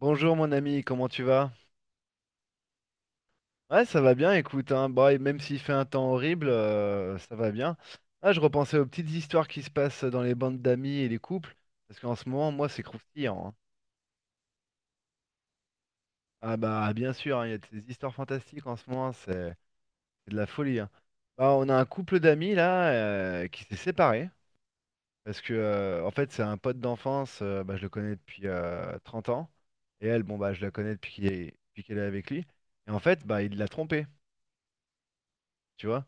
Bonjour mon ami, comment tu vas? Ouais, ça va bien, écoute, hein, bah, et même s'il fait un temps horrible, ça va bien. Ah, je repensais aux petites histoires qui se passent dans les bandes d'amis et les couples, parce qu'en ce moment, moi, c'est croustillant, hein. Ah bah bien sûr, hein, il y a des histoires fantastiques en ce moment, c'est de la folie, hein. Bah, on a un couple d'amis là qui s'est séparé, parce que en fait, c'est un pote d'enfance, bah, je le connais depuis 30 ans, et elle, bon bah je la connais depuis depuis qu'elle est avec lui, et en fait, bah il l'a trompée, tu vois.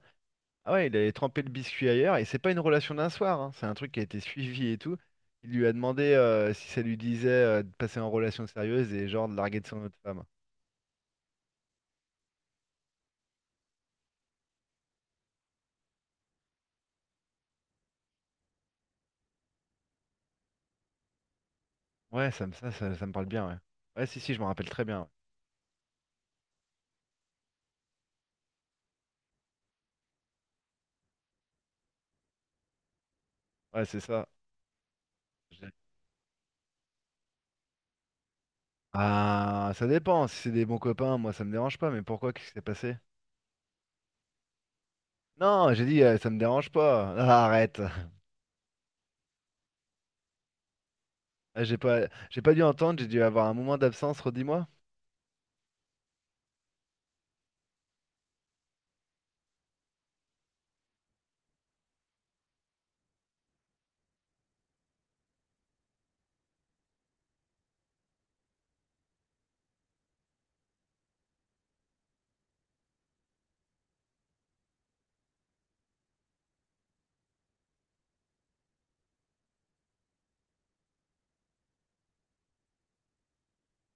Ah ouais, il avait trempé le biscuit ailleurs et c'est pas une relation d'un soir, hein. C'est un truc qui a été suivi et tout. Il lui a demandé si ça lui disait de passer en relation sérieuse et genre de larguer de son autre femme. Ouais, ça me parle bien, ouais. Ouais, si, si, je me rappelle très bien. Ouais, ouais, c'est ça. J'ai- Ah, ça dépend. Si c'est des bons copains, moi, ça me dérange pas. Mais pourquoi? Qu'est-ce qui s'est passé? Non, j'ai dit, ça me dérange pas. Ah, arrête. Ah, j'ai pas dû entendre. J'ai dû avoir un moment d'absence. Redis-moi.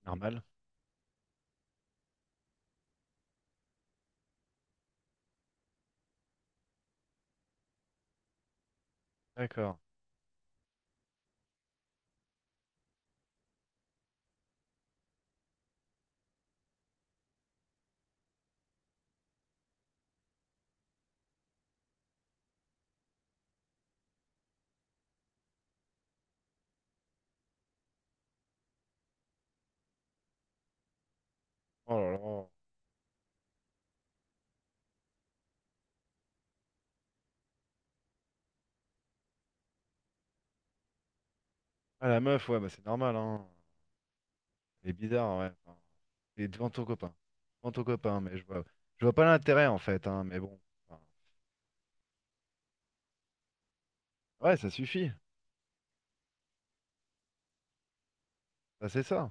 Normal. D'accord. Oh là là. Ah, la meuf, ouais, bah c'est normal, hein. C'est bizarre, ouais. Enfin, c'est devant ton copain. Devant ton copain, mais je vois pas l'intérêt en fait, hein, mais bon. Enfin, ouais, ça suffit. Ça, c'est ça.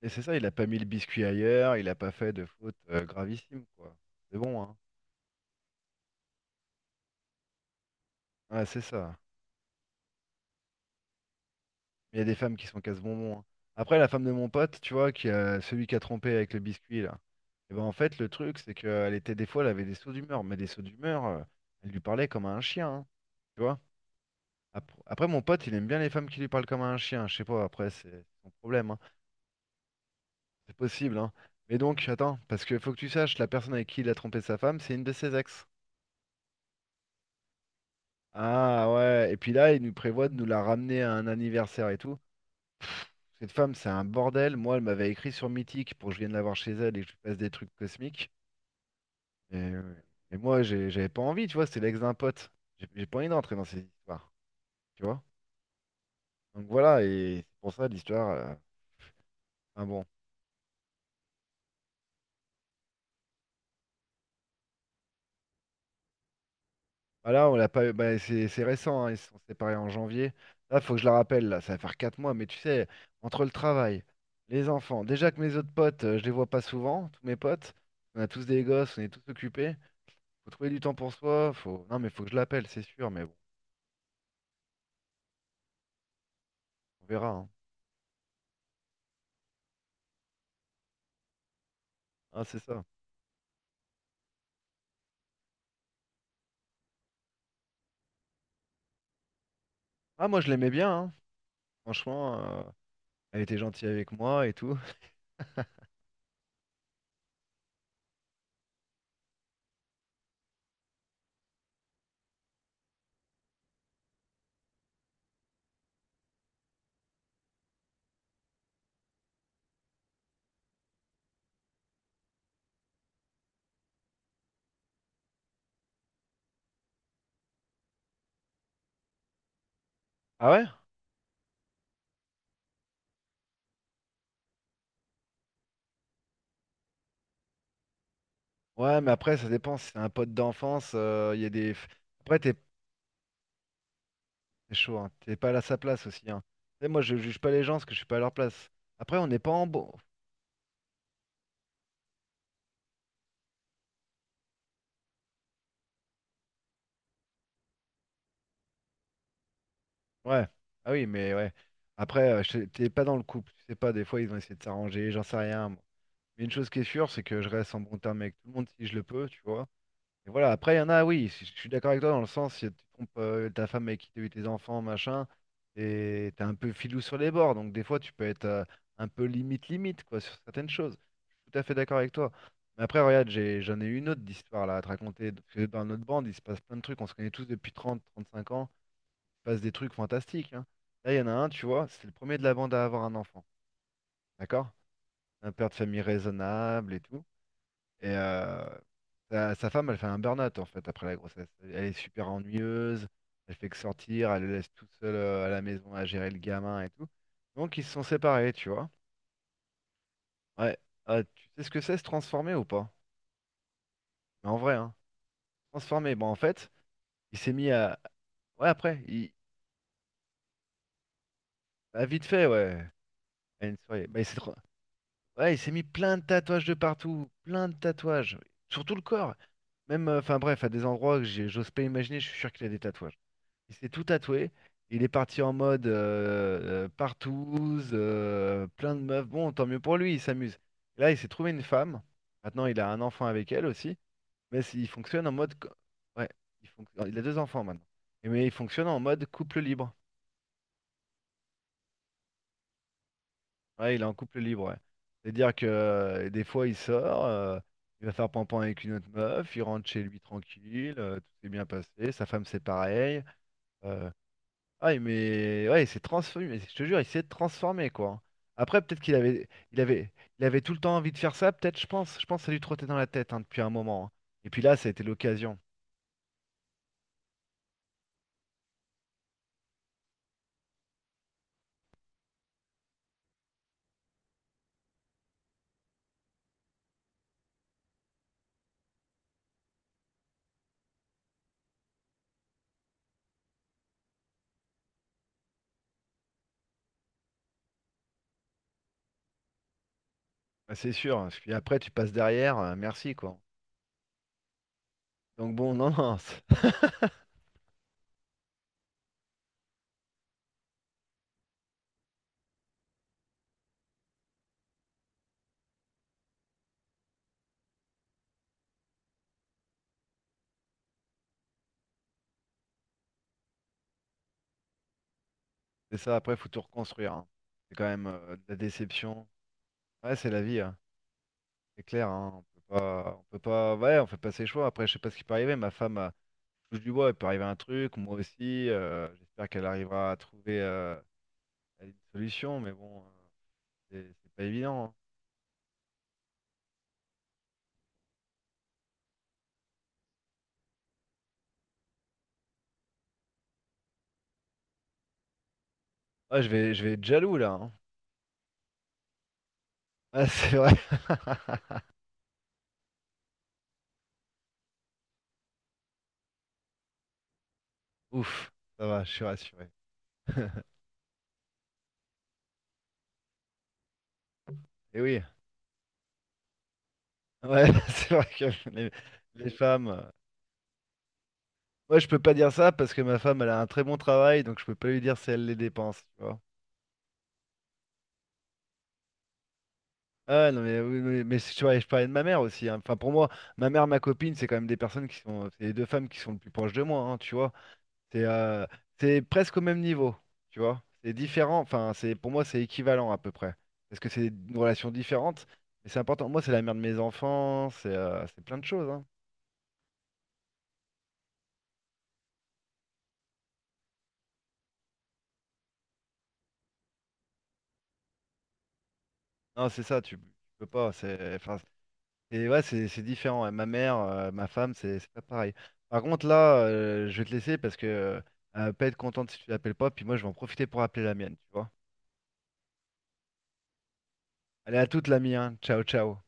Et c'est ça, il a pas mis le biscuit ailleurs, il a pas fait de faute gravissime, quoi. C'est bon, hein. Ouais, c'est ça. Il y a des femmes qui sont casse-bonbons, hein. Après, la femme de mon pote, tu vois, qui a celui qui a trompé avec le biscuit, là. Et ben en fait, le truc, c'est qu'elle était des fois, elle avait des sauts d'humeur, mais des sauts d'humeur, elle lui parlait comme à un chien, hein, tu vois. Après, mon pote, il aime bien les femmes qui lui parlent comme un chien. Je sais pas, après, c'est son problème, hein. C'est possible, hein. Mais donc, attends, parce qu'il faut que tu saches, la personne avec qui il a trompé sa femme, c'est une de ses ex. Ah ouais, et puis là, il nous prévoit de nous la ramener à un anniversaire et tout. Cette femme, c'est un bordel. Moi, elle m'avait écrit sur Mythique pour que je vienne la voir chez elle et que je lui passe des trucs cosmiques. Et, euh, et moi, j'avais pas envie, tu vois, c'est l'ex d'un pote. J'ai pas envie d'entrer dans ces histoires, tu vois. Donc voilà, et c'est pour ça l'histoire, enfin bon. Bah là, on l'a pas eu. Bah, c'est récent, hein. Ils se sont séparés en janvier. Là, faut que je la rappelle, là, ça va faire quatre mois, mais tu sais, entre le travail, les enfants, déjà que mes autres potes, je les vois pas souvent, tous mes potes, on a tous des gosses, on est tous occupés. Faut trouver du temps pour soi, faut. Non, mais faut que je l'appelle, c'est sûr, mais bon, on verra, hein. Ah, c'est ça. Ah, moi, je l'aimais bien, hein. Franchement, elle était gentille avec moi et tout. Ah ouais? Ouais, mais après, ça dépend, si c'est un pote d'enfance, il y a des. Après, t'es c'est chaud, hein. T'es pas à sa place aussi, hein. Tu sais, moi, je juge pas les gens parce que je suis pas à leur place. Après, on n'est pas en bon. Ouais. Ah oui, mais ouais. Après, je t'es pas dans le couple. Tu sais pas, des fois, ils ont essayé de s'arranger, j'en sais rien, moi. Mais une chose qui est sûre, c'est que je reste en bon terme avec tout le monde si je le peux, tu vois. Et voilà, après, il y en a, oui, je suis d'accord avec toi dans le sens, si tu trompes ta femme avec qui t'as eu tes enfants, machin, et t'es un peu filou sur les bords, donc des fois, tu peux être un peu limite-limite, quoi, sur certaines choses. Je suis tout à fait d'accord avec toi. Mais après, regarde, j'en ai une autre d'histoire là à te raconter. Parce que dans notre bande, il se passe plein de trucs, on se connaît tous depuis trente trente cinq ans, il se passe des trucs fantastiques, hein. Là, il y en a un, tu vois, c'est le premier de la bande à avoir un enfant, d'accord? Un père de famille raisonnable et tout. Et sa femme, elle fait un burn-out en fait après la grossesse. Elle est super ennuyeuse, elle fait que sortir, elle le laisse tout seul à la maison à gérer le gamin et tout. Donc ils se sont séparés, tu vois. Ouais. Ah, tu sais ce que c'est se transformer ou pas? Mais en vrai, hein. Transformer, bon en fait, il s'est mis à. Ouais, après, il. Bah, vite fait, ouais. À une soirée. Bah, ouais, il s'est mis plein de tatouages de partout, plein de tatouages, sur tout le corps. Même, enfin bref, à des endroits que j'ose pas imaginer, je suis sûr qu'il a des tatouages. Il s'est tout tatoué. Il est parti en mode partouze, plein de meufs. Bon, tant mieux pour lui, il s'amuse. Là, il s'est trouvé une femme. Maintenant, il a un enfant avec elle aussi. Mais c- il fonctionne en mode. Co- ouais, il a deux enfants maintenant. Et mais il fonctionne en mode couple libre. Ouais, il est en couple libre, ouais. C'est-à-dire que des fois, il sort, il va faire pampan avec une autre meuf, il rentre chez lui tranquille, tout s'est bien passé. Sa femme, c'est pareil. euh, Ouais mais ouais, il s'est transformé, mais je te jure, il s'est transformé, quoi. Après, peut-être qu'il avait, il avait, il avait tout le temps envie de faire ça, peut-être, je pense. Je pense que ça lui trottait dans la tête hein, depuis un moment, hein. Et puis là, ça a été l'occasion. Ah, c'est sûr, hein. Parce que après, tu passes derrière, merci, quoi. Donc bon, non, non. C'est c'est ça, après, faut tout reconstruire, hein. C'est quand même de la déception. Ouais, c'est la vie, hein. C'est clair, hein. On peut pas, ouais, on fait pas ses choix. Après, je sais pas ce qui peut arriver. Ma femme, je touche du bois, il peut arriver un truc, moi aussi. J'espère qu'elle arrivera à trouver. Une solution, mais bon, c'est pas évident, hein. Ah, je vais être jaloux là, hein. Ah, c'est vrai. Ouf, ça va, je suis rassuré. Et oui, ouais, c'est vrai que les, les femmes. Moi, je peux pas dire ça parce que ma femme, elle a un très bon travail, donc je peux pas lui dire si elle les dépense, tu vois. Ah non, mais oui, oui, mais si tu vois, je parlais de ma mère aussi, hein. Enfin, pour moi, ma mère, ma copine, c'est quand même des personnes qui sont. C'est les deux femmes qui sont le plus proches de moi, hein, tu vois. C'est euh, c'est presque au même niveau, tu vois. C'est différent, enfin, c'est pour moi, c'est équivalent à peu près. Parce que c'est une relation différente, mais c'est important. Moi, c'est la mère de mes enfants, c'est plein de choses, hein. Non, c'est ça, tu peux pas. C'est enfin, ouais, c'est différent. Et ma mère, ma femme, c'est pas pareil. Par contre, là, je vais te laisser parce que elle va pas être contente si tu l'appelles pas. Puis moi, je vais en profiter pour appeler la mienne, tu vois. Allez, à toute, l'ami, hein. Ciao, ciao.